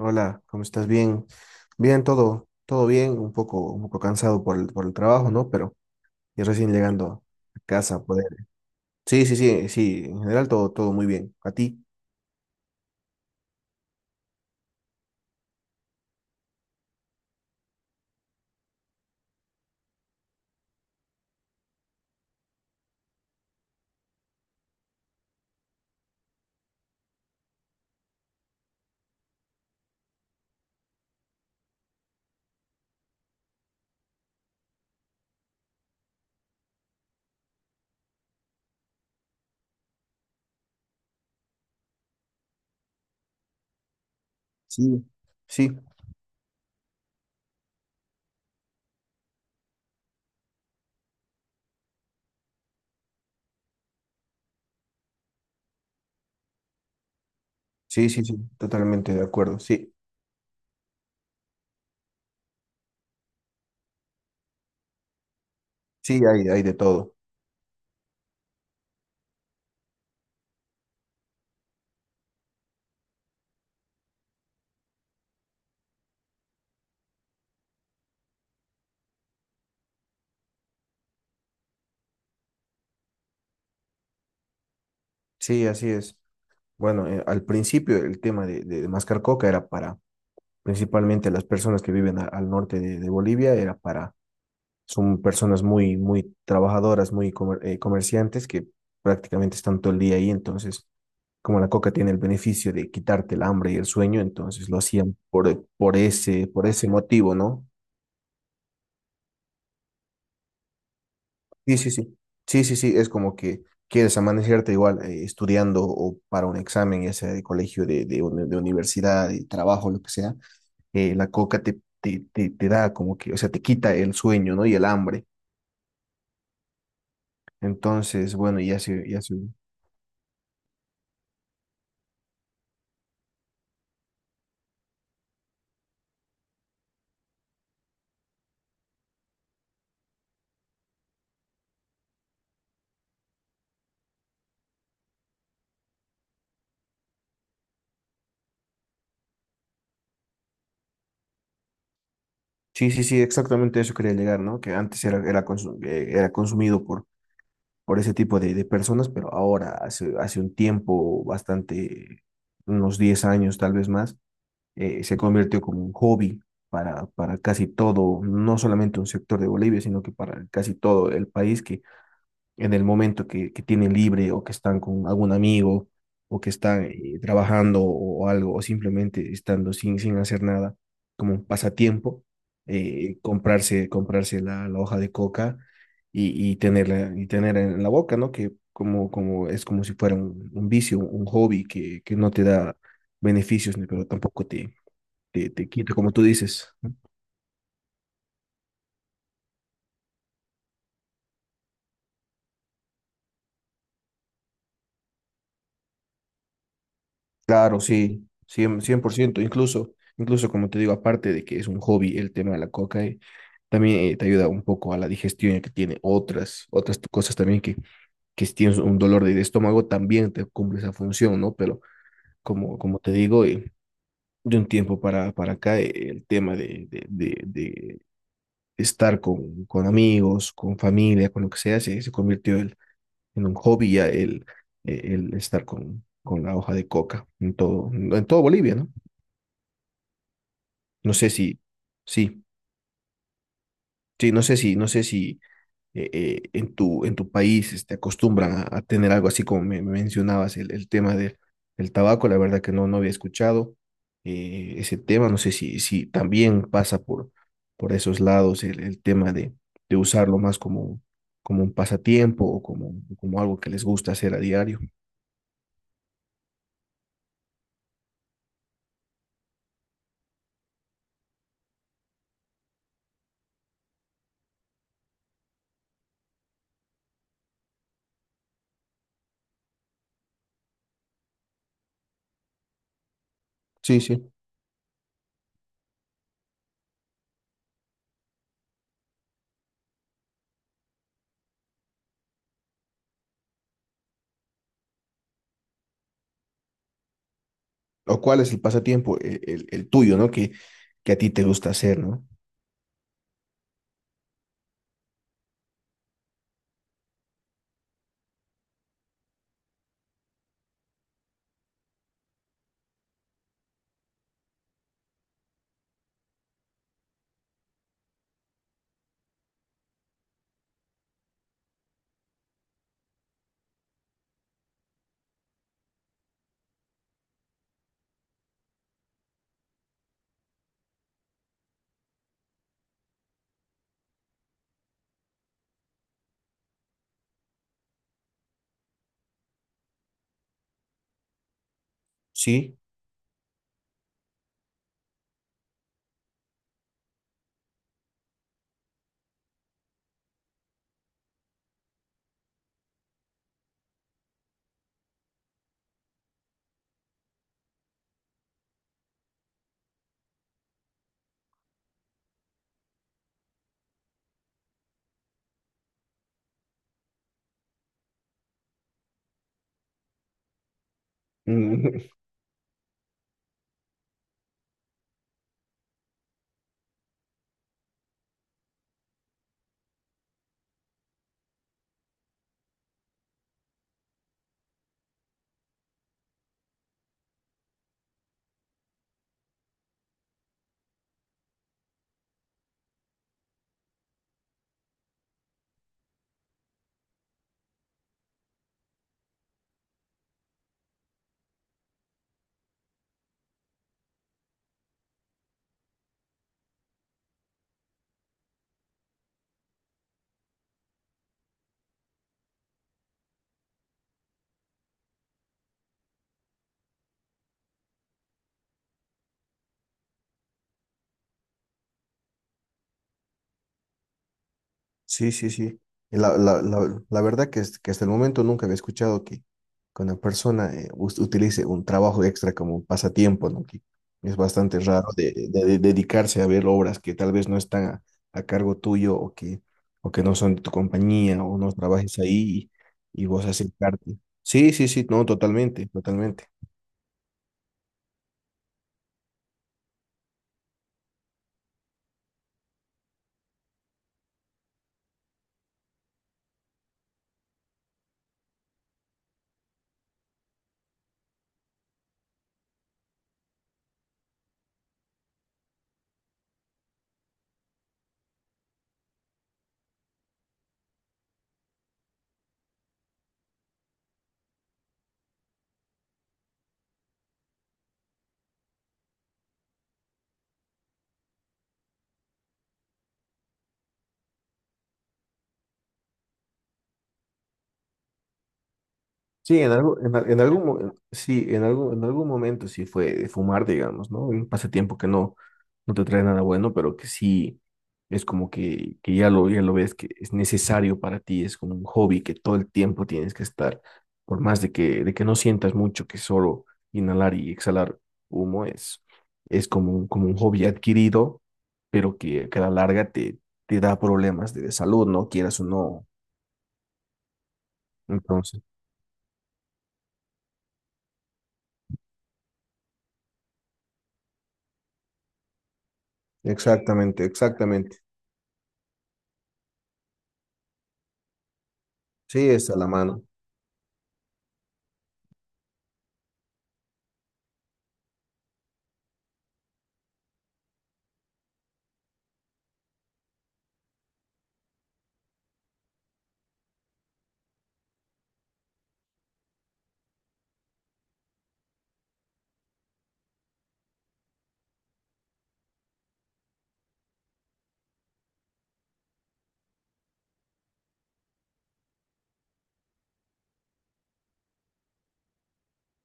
Hola, ¿cómo estás? Bien, bien, todo bien, un poco cansado por el trabajo, ¿no? Pero ya recién llegando a casa a poder. Sí, en general todo muy bien. ¿A ti? Sí. Sí, sí, totalmente de acuerdo. Sí, sí, hay de todo. Sí, así es. Bueno, al principio el tema de mascar coca era para, principalmente las personas que viven al norte de Bolivia, era para son personas muy, muy trabajadoras, comerciantes que prácticamente están todo el día ahí. Entonces, como la coca tiene el beneficio de quitarte el hambre y el sueño, entonces lo hacían por ese motivo, ¿no? Sí, sí, sí. Sí, sí, sí. Es como que quieres amanecerte igual estudiando o para un examen, ya sea de colegio, de universidad, de trabajo, lo que sea. La coca te da como que, o sea, te quita el sueño, ¿no? Y el hambre. Entonces, bueno, sí, sí, sí, exactamente eso quería llegar, ¿no? Que antes era consumido por ese tipo de personas, pero ahora, hace un tiempo bastante, unos 10 años tal vez más, se convirtió como un hobby para casi todo, no solamente un sector de Bolivia, sino que para casi todo el país que en el momento que tienen libre o que están con algún amigo o que están trabajando o algo o simplemente estando sin hacer nada como un pasatiempo, comprarse la hoja de coca tenerla, y tener en la boca, ¿no? Que como, como es como si fuera un vicio, un hobby que no te da beneficios, ni pero tampoco te quita, como tú dices. Claro, sí, cien por ciento. Incluso, incluso como te digo, aparte de que es un hobby el tema de la coca, también te ayuda un poco a la digestión, ya que tiene otras, cosas también que si tienes un dolor de estómago, también te cumple esa función, ¿no? Pero como, como te digo, de un tiempo para acá, el tema de estar con amigos, con familia, con lo que sea, se convirtió en un hobby ya el estar con la hoja de coca en todo Bolivia, ¿no? No sé si, sí, sí, no sé si en tu, en tu país este, acostumbran a tener algo así como me mencionabas, el tema del, del tabaco, la verdad que no, no había escuchado ese tema, no sé si, si también pasa por esos lados el tema de usarlo más como, como un pasatiempo o como, como algo que les gusta hacer a diario. Sí, sí. ¿O cuál es el pasatiempo? El tuyo, ¿no? Que a ti te gusta hacer, ¿no? Sí. Sí, sí, sí. Y la verdad que, que hasta el momento nunca había escuchado que una persona utilice un trabajo extra como un pasatiempo, ¿no? Que es bastante raro de dedicarse a ver obras que tal vez no están a cargo tuyo o que no son de tu compañía o no trabajes ahí y vos acercarte. Sí, sí, sí, no, totalmente, totalmente. Sí, en algo- en, al- en algún, mo- en- sí, en algún momento sí fue de fumar, digamos, ¿no? Un pasatiempo que no, no te trae nada bueno, pero que sí es como que, ya lo ves que es necesario para ti, es como un hobby que todo el tiempo tienes que estar, por más de que no sientas mucho que solo inhalar y exhalar humo es como, como un hobby adquirido, pero que a la larga te da problemas de salud, ¿no? Quieras o no. Entonces, exactamente, exactamente. Sí, está a la mano.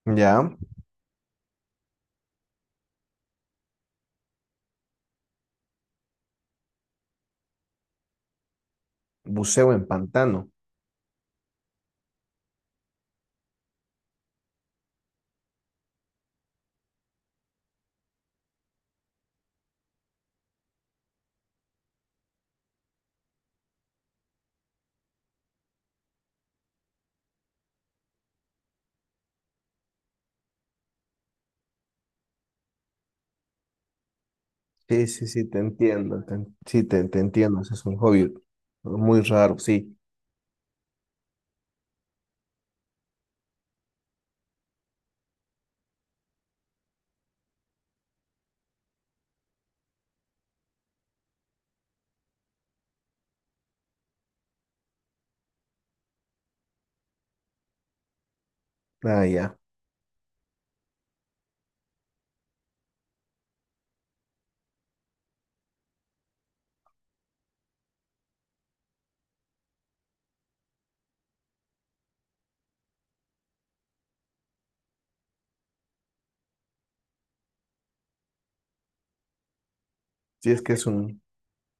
Ya, buceo en pantano. Sí, sí, sí, te entiendo. Sí, te entiendo. Ese es un hobby muy raro, sí. Ah, ya. Sí, es que es un,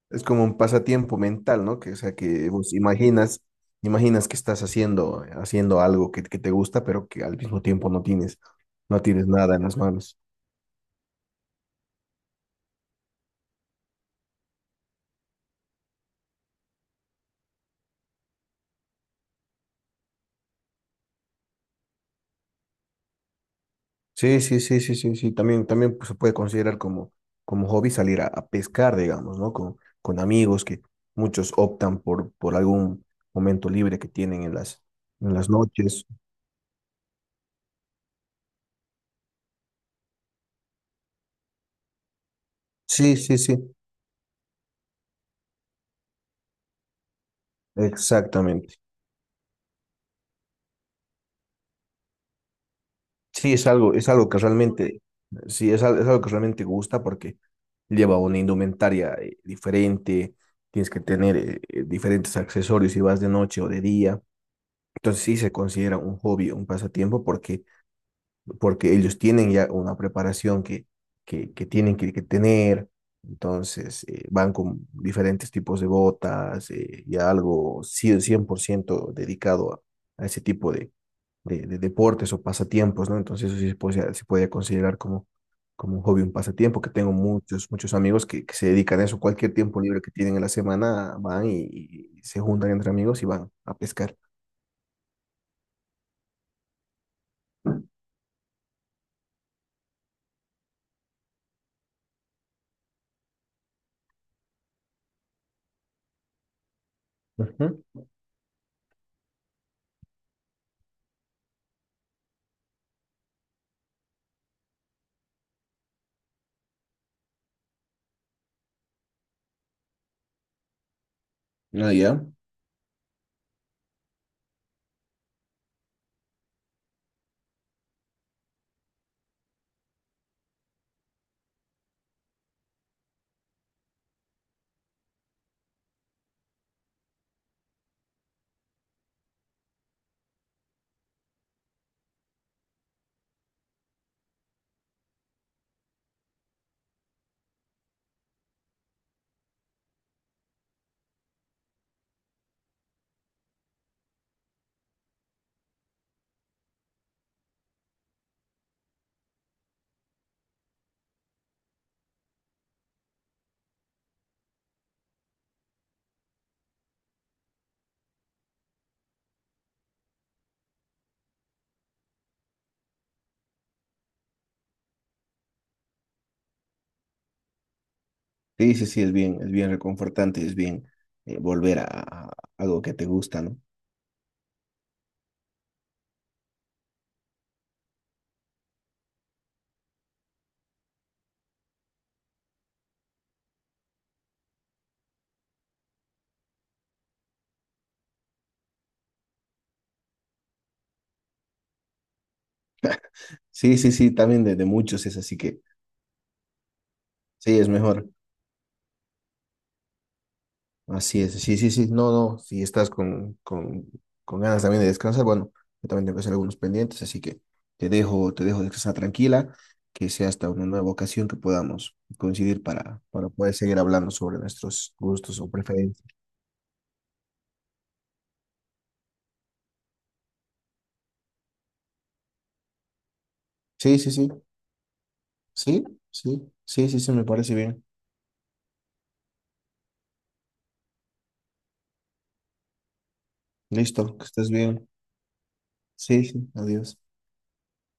es como un pasatiempo mental, ¿no? Que, o sea, que vos imaginas, imaginas que estás haciendo, haciendo algo que te gusta, pero que al mismo tiempo no tienes, no tienes nada en las manos. Sí, sí, sí, sí, sí, sí. También, también pues, se puede considerar como, como hobby salir a pescar, digamos, ¿no? Con amigos que muchos optan por algún momento libre que tienen en las noches. Sí, sí, sí, exactamente. Sí, es algo que realmente, sí, es, es algo que realmente gusta porque lleva una indumentaria diferente, tienes que tener diferentes accesorios si vas de noche o de día. Entonces sí se considera un hobby, un pasatiempo porque porque ellos tienen ya una preparación que tienen que tener, entonces van con diferentes tipos de botas y algo 100%, 100% dedicado a ese tipo de deportes o pasatiempos, ¿no? Entonces eso sí se puede considerar como, como un hobby, un pasatiempo, que tengo muchos, muchos amigos que se dedican a eso, cualquier tiempo libre que tienen en la semana van y se juntan entre amigos y van a pescar. Ujú. Ah, ya. Sí, sí, sí, es bien reconfortante, es bien volver a algo que te gusta, ¿no? Sí, sí, sí, también de muchos es así que sí, es mejor. Así es, sí, sí, sí, no, no, si estás con ganas también de descansar, bueno, yo también tengo que hacer algunos pendientes, así que te dejo descansar tranquila, que sea hasta una nueva ocasión que podamos coincidir para poder seguir hablando sobre nuestros gustos o preferencias. Sí, sí, sí, sí, sí, sí, sí, sí, me parece bien. Listo, que estés bien. Sí, sí, adiós.